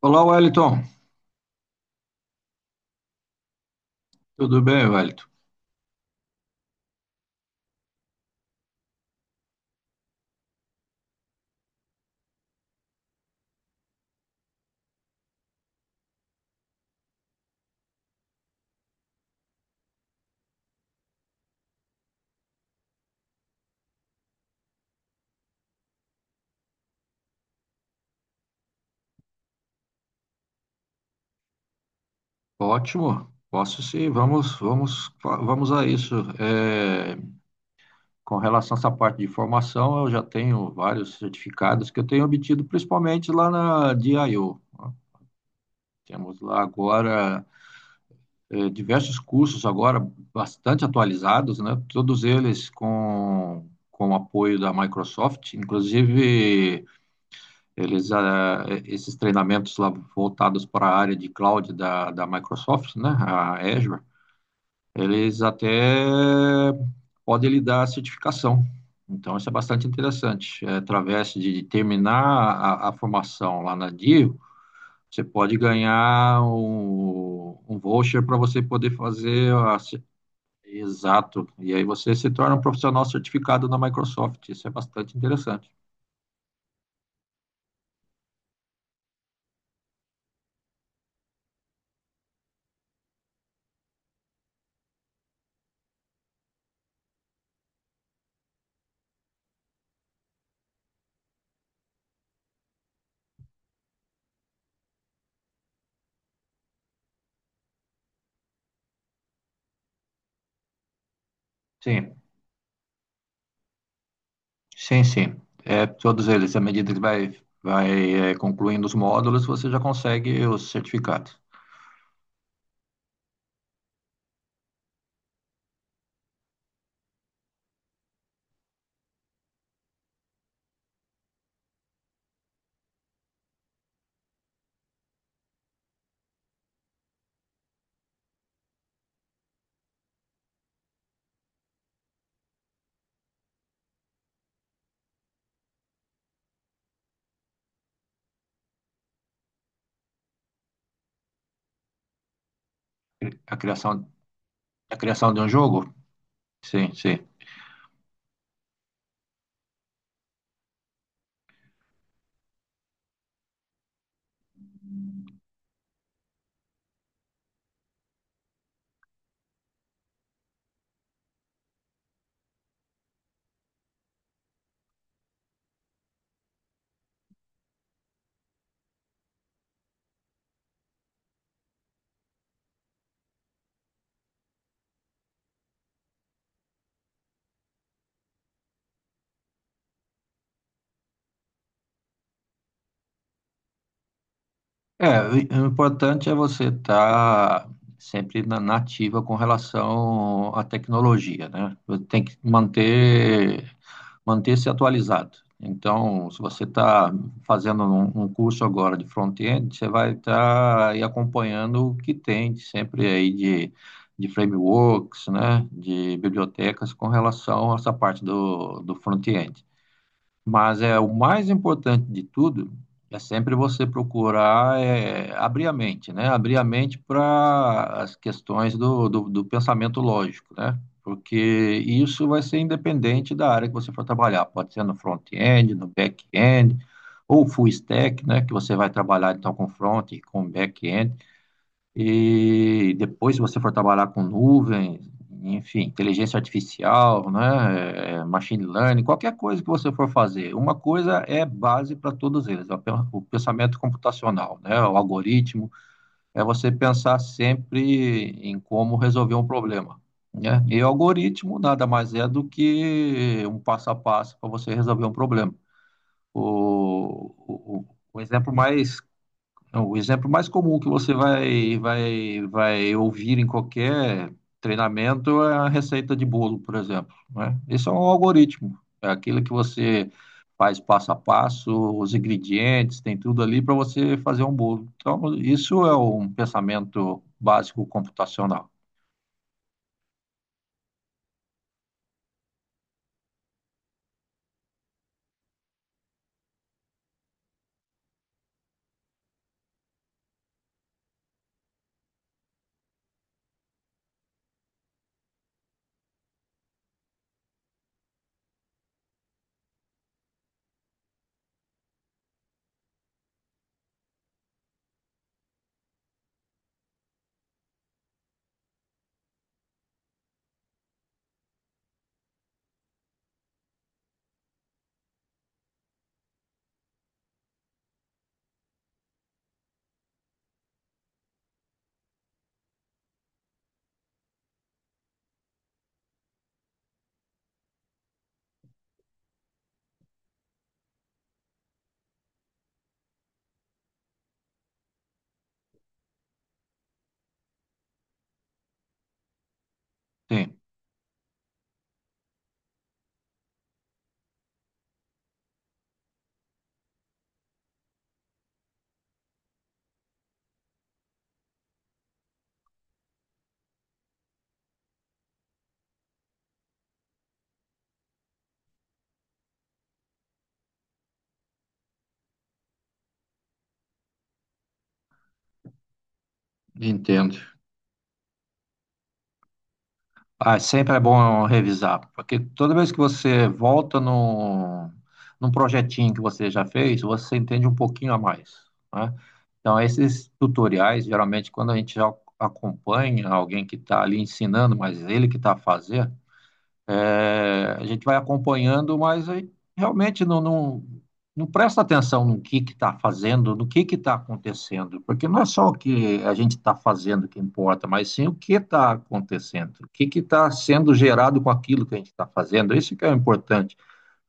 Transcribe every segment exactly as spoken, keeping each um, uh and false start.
Olá, Wellington. Tudo bem, Wellington? Ótimo. Posso sim. Vamos, vamos, vamos a isso. É, com relação a essa parte de formação, eu já tenho vários certificados que eu tenho obtido, principalmente lá na DIO. Temos lá agora é, diversos cursos agora bastante atualizados, né? Todos eles com com o apoio da Microsoft, inclusive. Eles, ah, é, esses treinamentos lá voltados para a área de cloud da, da Microsoft, né, a Azure, eles até podem lhe dar certificação. Então, isso é bastante interessante. É, através de terminar a, a formação lá na DIO, você pode ganhar um, um voucher para você poder fazer a, exato. E aí você se torna um profissional certificado na Microsoft. Isso é bastante interessante. Sim. Sim, sim. É, todos eles, à medida que vai, vai é, concluindo os módulos, você já consegue os certificados. A criação, a criação de um jogo? Sim, sim. É, o o importante é você estar sempre na na ativa com relação à tecnologia, né? Você tem que manter manter-se atualizado. Então, se você está fazendo um, um curso agora de front-end, você vai estar aí acompanhando o que tem sempre aí de, de frameworks, né, de bibliotecas com relação a essa parte do, do front-end. Mas é o mais importante de tudo é sempre você procurar é, abrir a mente, né? Abrir a mente para as questões do, do, do pensamento lógico, né? Porque isso vai ser independente da área que você for trabalhar. Pode ser no front-end, no back-end, ou full stack, né? Que você vai trabalhar então com front e com back-end. E depois, se você for trabalhar com nuvem, enfim, inteligência artificial, né, é, machine learning, qualquer coisa que você for fazer, uma coisa é base para todos eles, é o pe- o pensamento computacional, né, o algoritmo, é você pensar sempre em como resolver um problema, né? E o algoritmo nada mais é do que um passo a passo para você resolver um problema. O, o, o o exemplo mais não, o exemplo mais comum que você vai, vai, vai ouvir em qualquer treinamento é a receita de bolo, por exemplo, né? Isso é um algoritmo, é aquilo que você faz passo a passo, os ingredientes, tem tudo ali para você fazer um bolo. Então, isso é um pensamento básico computacional. Sim, entendo. Ah, sempre é bom revisar, porque toda vez que você volta no, num projetinho que você já fez, você entende um pouquinho a mais, né? Então, esses tutoriais, geralmente, quando a gente já acompanha alguém que está ali ensinando, mas ele que está fazendo, é, a gente vai acompanhando, mas aí realmente não, não, não presta atenção no que que está fazendo, no que que está acontecendo, porque não é só o que a gente está fazendo que importa, mas sim o que está acontecendo, o que que está sendo gerado com aquilo que a gente está fazendo. Isso que é o importante,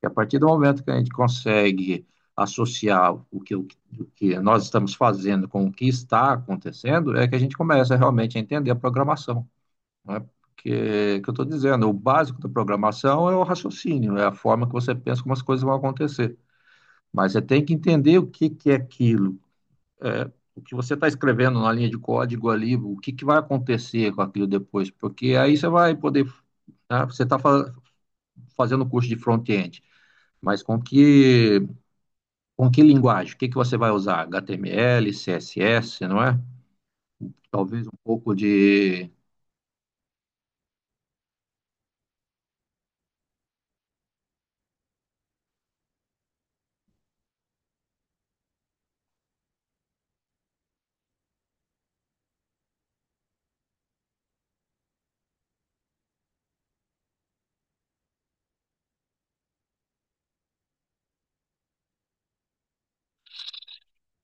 que a partir do momento que a gente consegue associar o que, o que o que nós estamos fazendo com o que está acontecendo, é que a gente começa realmente a entender a programação, né? Porque é o que eu estou dizendo, o básico da programação é o raciocínio, é a forma que você pensa como as coisas vão acontecer. Mas você tem que entender o que que é aquilo, o que você está escrevendo na linha de código ali, o que que vai acontecer com aquilo depois, porque aí você vai poder, né? Você está fa fazendo curso de front-end, mas com que com que linguagem? O que que você vai usar? H T M L, C S S, não é? Talvez um pouco de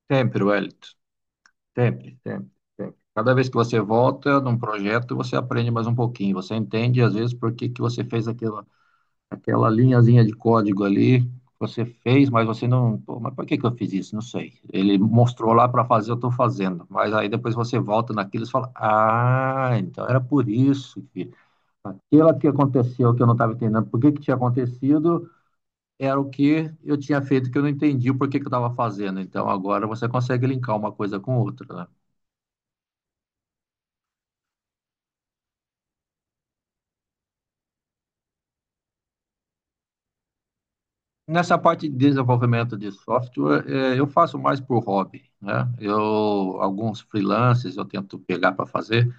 Temperwellit. Sempre, sempre, Sempre. Cada vez que você volta num projeto, você aprende mais um pouquinho. Você entende, às vezes, por que que você fez aquela, aquela linhazinha de código ali. Você fez, mas você não. Pô, mas por que que eu fiz isso? Não sei. Ele mostrou lá para fazer, eu estou fazendo. Mas aí depois você volta naquilo e fala: ah, então era por isso que aquela que aconteceu que eu não estava entendendo, por que que tinha acontecido, era o que eu tinha feito que eu não entendi o porquê que eu estava fazendo. Então agora você consegue linkar uma coisa com outra, né? Nessa parte de desenvolvimento de software, eh, eu faço mais por hobby, né? Eu, alguns freelances eu tento pegar para fazer,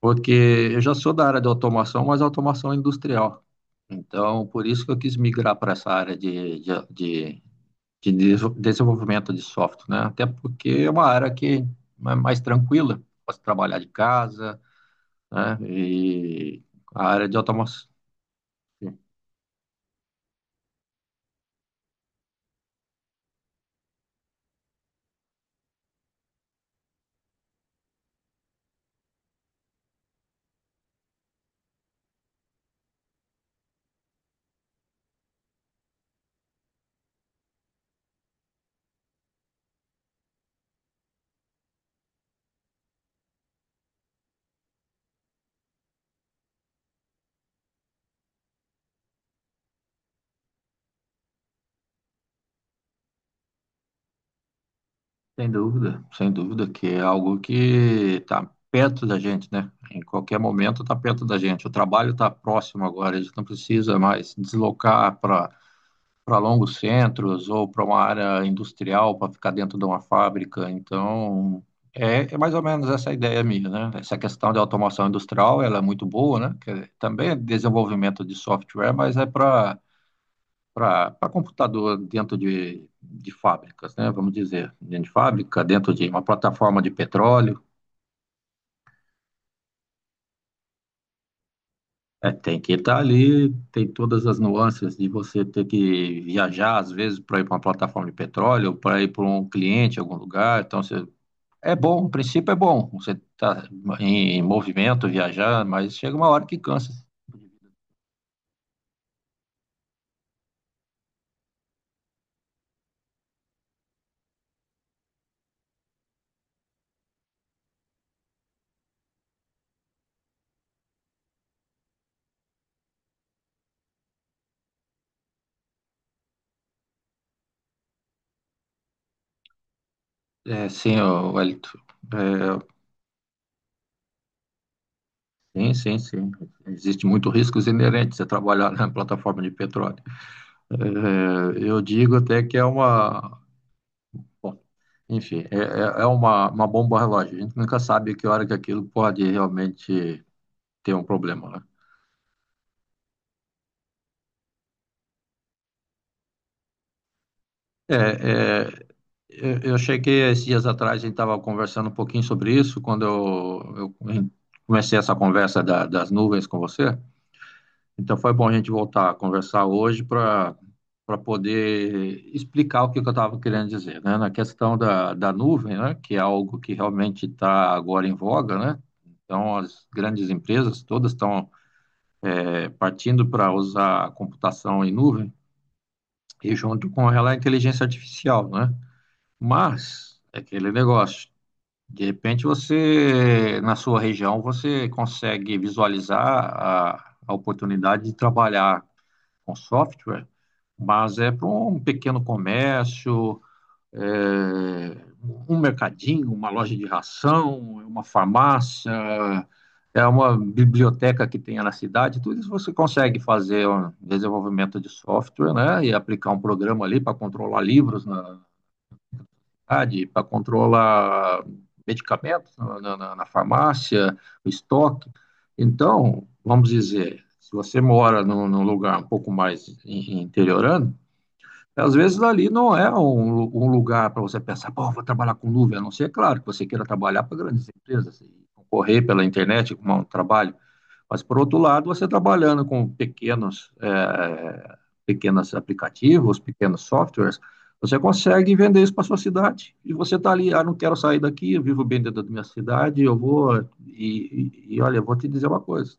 porque eu já sou da área de automação, mas automação industrial. Então, por isso que eu quis migrar para essa área de, de, de, de deso- desenvolvimento de software, né? Até porque é uma área que é mais tranquila, posso trabalhar de casa, né? E a área de automação. Sem dúvida, sem dúvida, que é algo que está perto da gente, né? Em qualquer momento está perto da gente. O trabalho está próximo agora, a gente não precisa mais deslocar para para longos centros ou para uma área industrial para ficar dentro de uma fábrica. Então, é, é mais ou menos essa a ideia minha, né? Essa questão de automação industrial, ela é muito boa, né? Que é- também é desenvolvimento de software, mas é para para computador dentro de, de fábricas, né? Vamos dizer, dentro de fábrica, dentro de uma plataforma de petróleo. É, tem que estar ali, tem todas as nuances de você ter que viajar, às vezes, para ir para uma plataforma de petróleo, para ir para um cliente em algum lugar. Então, você, é bom, o princípio é bom, você está em, em movimento, viajar, mas chega uma hora que cansa. É, sim, ô, Wellington. É, sim, sim, sim. Existe muito riscos inerentes a trabalhar na plataforma de petróleo. É, eu digo até que é uma. Bom, enfim, é, é é uma, uma bomba relógio. A gente nunca sabe que hora que aquilo pode realmente ter um problema, né? É, é, eu, eu cheguei esses dias atrás, a gente estava conversando um pouquinho sobre isso, quando eu, eu comecei essa conversa da- das nuvens com você. Então foi bom a gente voltar a conversar hoje para para poder explicar o que, que eu estava querendo dizer, né? Na questão da, da nuvem, né? Que é algo que realmente está agora em voga, né? Então as grandes empresas todas estão eh, partindo para usar a computação em nuvem e junto com ela a inteligência artificial, né? Mas é aquele negócio. De repente você, na sua região, você consegue visualizar a, a oportunidade de trabalhar com software, mas é para um pequeno comércio, é, um mercadinho, uma loja de ração, é uma farmácia, é uma biblioteca que tenha na cidade, tudo isso você consegue fazer um desenvolvimento de software, né, e aplicar um programa ali para controlar livros na cidade, para controlar medicamentos na, na, na farmácia, o estoque. Então, vamos dizer, se você mora num, num lugar um pouco mais in- interiorando, às vezes ali não é um, lu- um lugar para você pensar, pô, vou trabalhar com nuvem, a não ser, claro, que você queira trabalhar para grandes empresas e concorrer pela internet com um trabalho. Mas, por outro lado, você trabalhando com pequenos, eh, pequenos aplicativos, pequenos softwares, você consegue vender isso para sua cidade. E você está ali, ah, não quero sair daqui, eu vivo bem dentro da minha cidade, eu vou. E, e, e olha, eu vou te dizer uma coisa: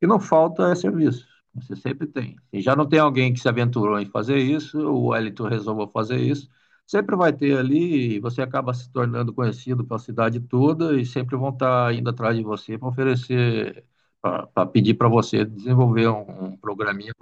que não falta é serviço. Você sempre tem. Se já não tem alguém que se aventurou em fazer isso, ou o Wellington resolveu fazer isso, sempre vai ter ali, e você acaba se tornando conhecido pela cidade toda e sempre vão estar indo atrás de você para oferecer, para pedir para você desenvolver um, um programinha.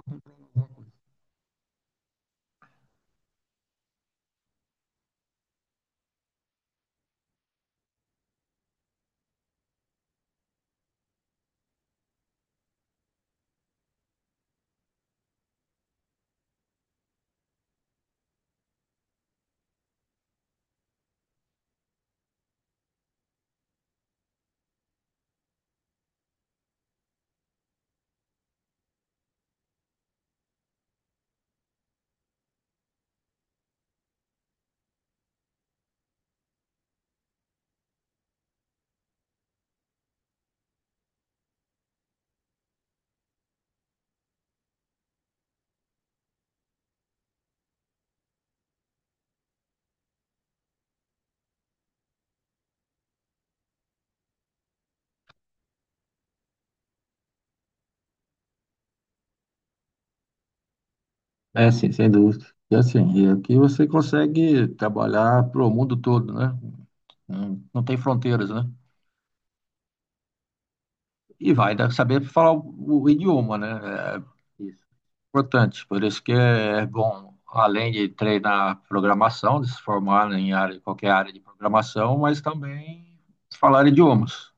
É, sim, sem dúvida. E assim, e aqui você consegue trabalhar para o mundo todo, né? Não, não tem fronteiras, né? E vai ainda saber falar o, o idioma, né? É isso. Importante. Por isso que é bom, além de treinar programação, de se formar em área, qualquer área de programação, mas também falar idiomas.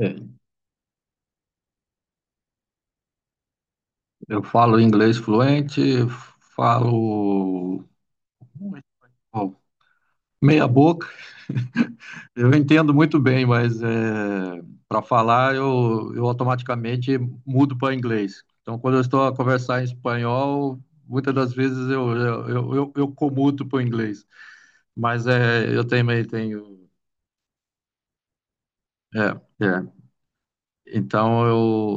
É, eu falo inglês fluente, falo bom, meia boca. Eu entendo muito bem, mas para falar eu, eu automaticamente mudo para inglês. Então, quando eu estou a conversar em espanhol, muitas das vezes eu, eu, eu, eu, eu comuto para o inglês. Mas é, eu também tenho. É, é. Então,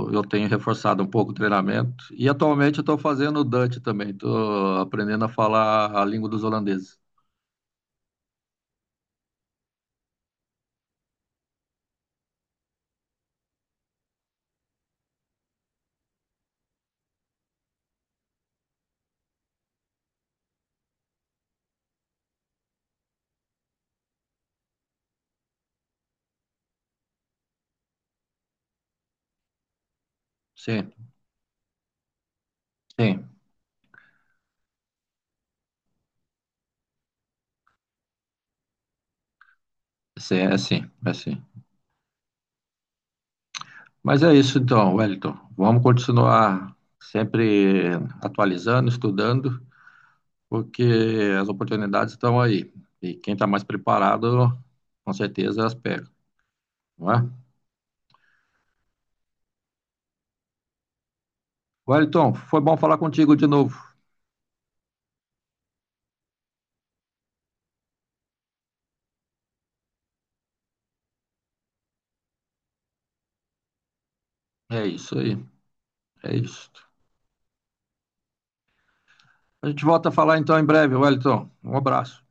eu, eu tenho reforçado um pouco o treinamento. E atualmente eu estou fazendo o Dutch também. Estou aprendendo a falar a língua dos holandeses. Sim, sim. Sim, é sim, é sim. Mas é isso então, Wellington. Vamos continuar sempre atualizando, estudando, porque as oportunidades estão aí. E quem está mais preparado, com certeza as pega, não é? Wellington, foi bom falar contigo de novo. É isso aí, é isso. A gente volta a falar então em breve, Wellington. Um abraço.